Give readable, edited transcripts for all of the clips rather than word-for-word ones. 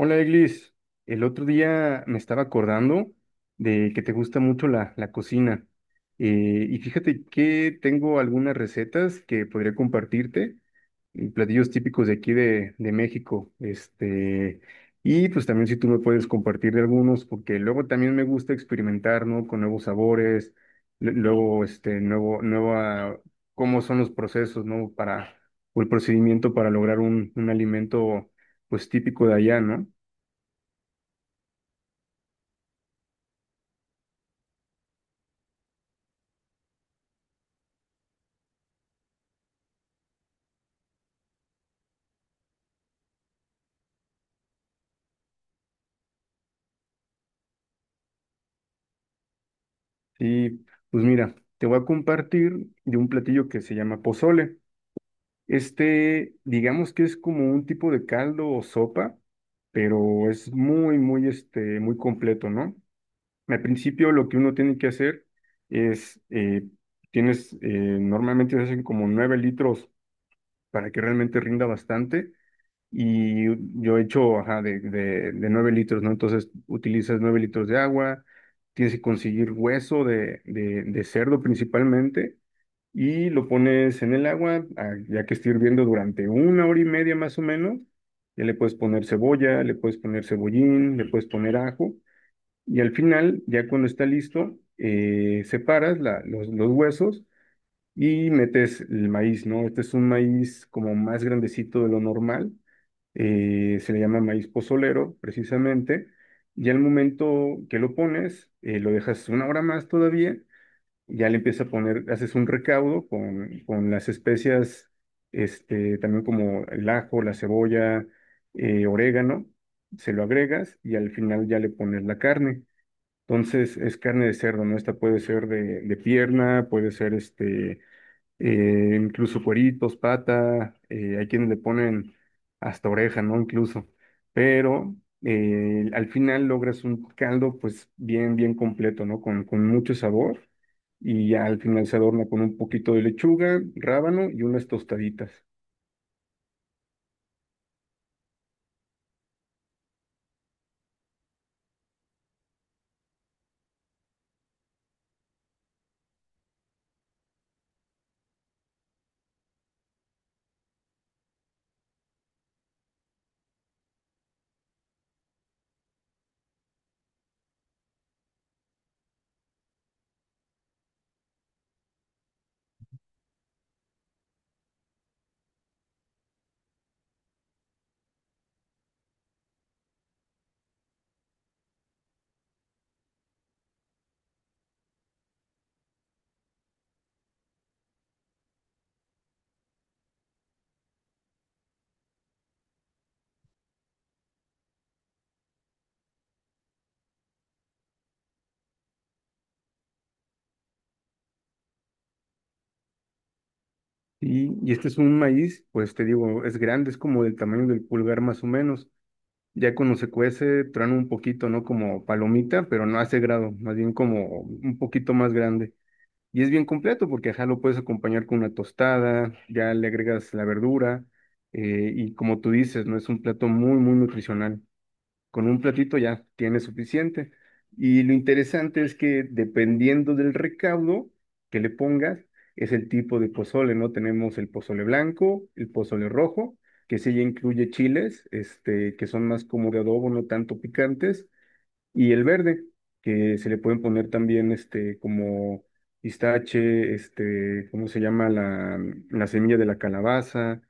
Hola, Eglis. El otro día me estaba acordando de que te gusta mucho la cocina. Y fíjate que tengo algunas recetas que podría compartirte, y platillos típicos de aquí de México. Y pues también si tú me puedes compartir de algunos, porque luego también me gusta experimentar, ¿no? Con nuevos sabores, nueva, cómo son los procesos, ¿no? Para, o el procedimiento para lograr un alimento, pues típico de allá, ¿no? Sí, pues mira, te voy a compartir de un platillo que se llama pozole. Digamos que es como un tipo de caldo o sopa, pero es muy, muy, muy completo, ¿no? Al principio lo que uno tiene que hacer es, tienes, eh, normalmente se hacen como nueve litros para que realmente rinda bastante. Y yo he hecho, ajá, de 9 litros, ¿no? Entonces utilizas 9 litros de agua, tienes que conseguir hueso de cerdo principalmente y lo pones en el agua, ah, ya que esté hirviendo durante una hora y media más o menos. Ya le puedes poner cebolla, le puedes poner cebollín, le puedes poner ajo y al final, ya cuando está listo, separas los huesos y metes el maíz, ¿no? Este es un maíz como más grandecito de lo normal, se le llama maíz pozolero, precisamente. Y al momento que lo pones, lo dejas una hora más todavía, ya le empiezas a poner, haces un recaudo con las especias, también como el ajo, la cebolla, orégano, se lo agregas y al final ya le pones la carne. Entonces es carne de cerdo, ¿no? Esta puede ser de pierna, puede ser incluso cueritos, pata, hay quienes le ponen hasta oreja, ¿no? Incluso, pero al final logras un caldo pues bien, bien completo, ¿no? Con mucho sabor y ya al final se adorna con un poquito de lechuga, rábano y unas tostaditas. Y este es un maíz, pues te digo, es grande, es como del tamaño del pulgar más o menos. Ya cuando se cuece, truena un poquito, ¿no? Como palomita, pero no hace grado, más bien como un poquito más grande. Y es bien completo porque ajá, lo puedes acompañar con una tostada, ya le agregas la verdura, y como tú dices, no es un plato muy, muy nutricional. Con un platito ya tienes suficiente. Y lo interesante es que dependiendo del recaudo que le pongas, es el tipo de pozole, ¿no? Tenemos el pozole blanco, el pozole rojo, que sí ya incluye chiles, que son más como de adobo, no tanto picantes. Y el verde, que se le pueden poner también como pistache, ¿cómo se llama? La semilla de la calabaza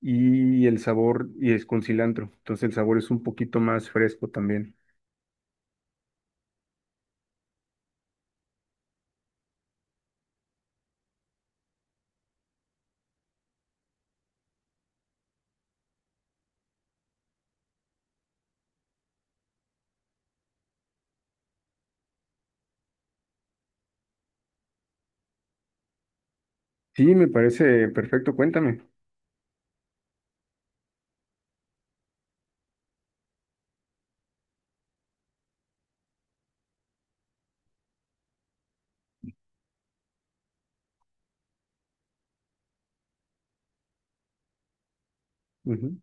y el sabor, y es con cilantro. Entonces el sabor es un poquito más fresco también. Sí, me parece perfecto, cuéntame. Ujú.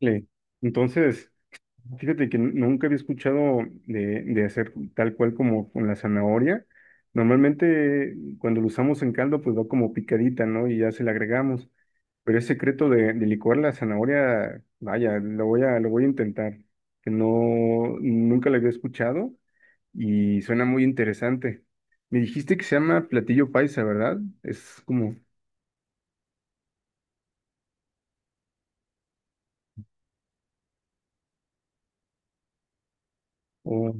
Le- Entonces, fíjate que nunca había escuchado de hacer tal cual como con la zanahoria. Normalmente cuando lo usamos en caldo, pues va como picadita, ¿no? Y ya se le agregamos. Pero ese secreto de licuar la zanahoria, vaya, lo voy a intentar, que no, nunca lo había escuchado y suena muy interesante. Me dijiste que se llama platillo paisa, ¿verdad? Es como, o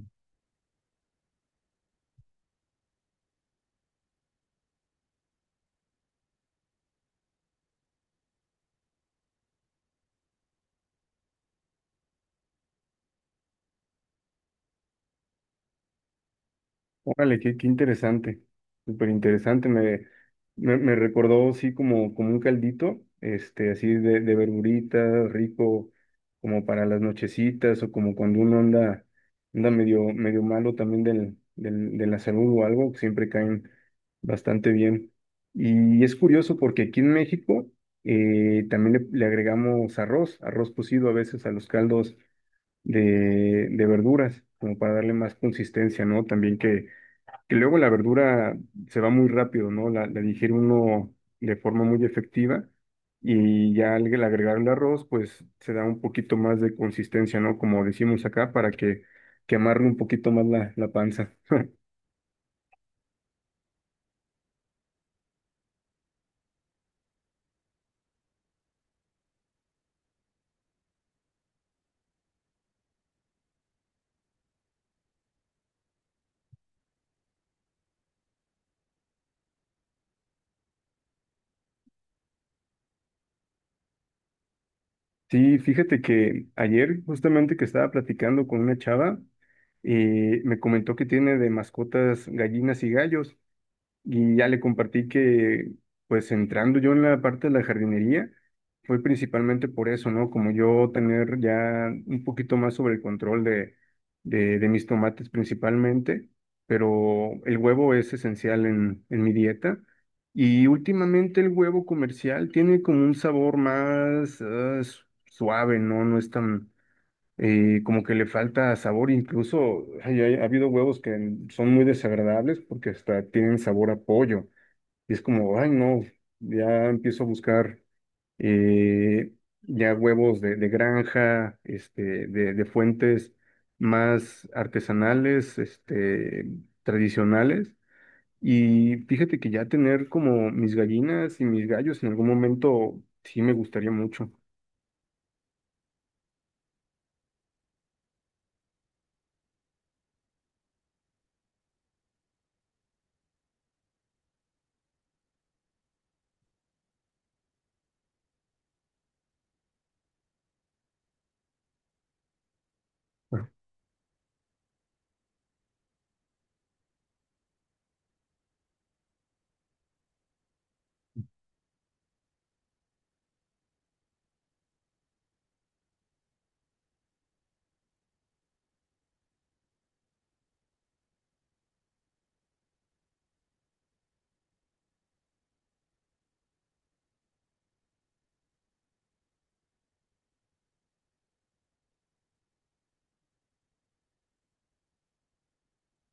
Órale, qué, qué interesante, súper interesante. Me recordó, sí, como, como un caldito, así de verdurita, rico, como para las nochecitas o como cuando uno anda, anda medio, medio malo también de la salud o algo, siempre caen bastante bien. Y es curioso porque aquí en México, también le agregamos arroz, arroz cocido a veces a los caldos de verduras, como para darle más consistencia, ¿no? También que luego la verdura se va muy rápido, ¿no? La digiere uno de forma muy efectiva y ya al agregar el arroz, pues se da un poquito más de consistencia, ¿no? Como decimos acá, que amarre un poquito más la panza. Sí, fíjate que ayer justamente que estaba platicando con una chava, me comentó que tiene de mascotas gallinas y gallos. Y ya le compartí que, pues entrando yo en la parte de la jardinería, fue principalmente por eso, ¿no? Como yo tener ya un poquito más sobre el control de mis tomates principalmente, pero el huevo es esencial en mi dieta. Y últimamente el huevo comercial tiene como un sabor más ah, suave, ¿no? No es tan, como que le falta sabor, incluso ay, ay, ha habido huevos que son muy desagradables porque hasta tienen sabor a pollo. Y es como, ay no, ya empiezo a buscar, eh, ya huevos de granja, de fuentes más artesanales, tradicionales. Y fíjate que ya tener como mis gallinas y mis gallos en algún momento sí me gustaría mucho. Ah.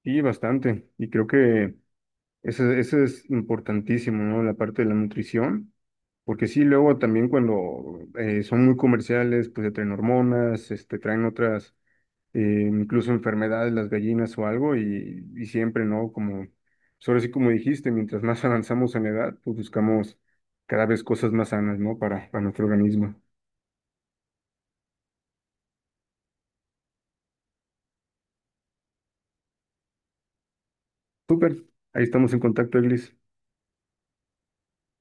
Sí, bastante. Y creo que eso es importantísimo, ¿no? La parte de la nutrición, porque sí, luego también cuando son muy comerciales, pues te traen hormonas, traen otras, incluso enfermedades, las gallinas o algo, y siempre, ¿no? Como, pues ahora sí como dijiste, mientras más avanzamos en la edad, pues buscamos cada vez cosas más sanas, ¿no? Para nuestro organismo. Súper, ahí estamos en contacto, Eglis.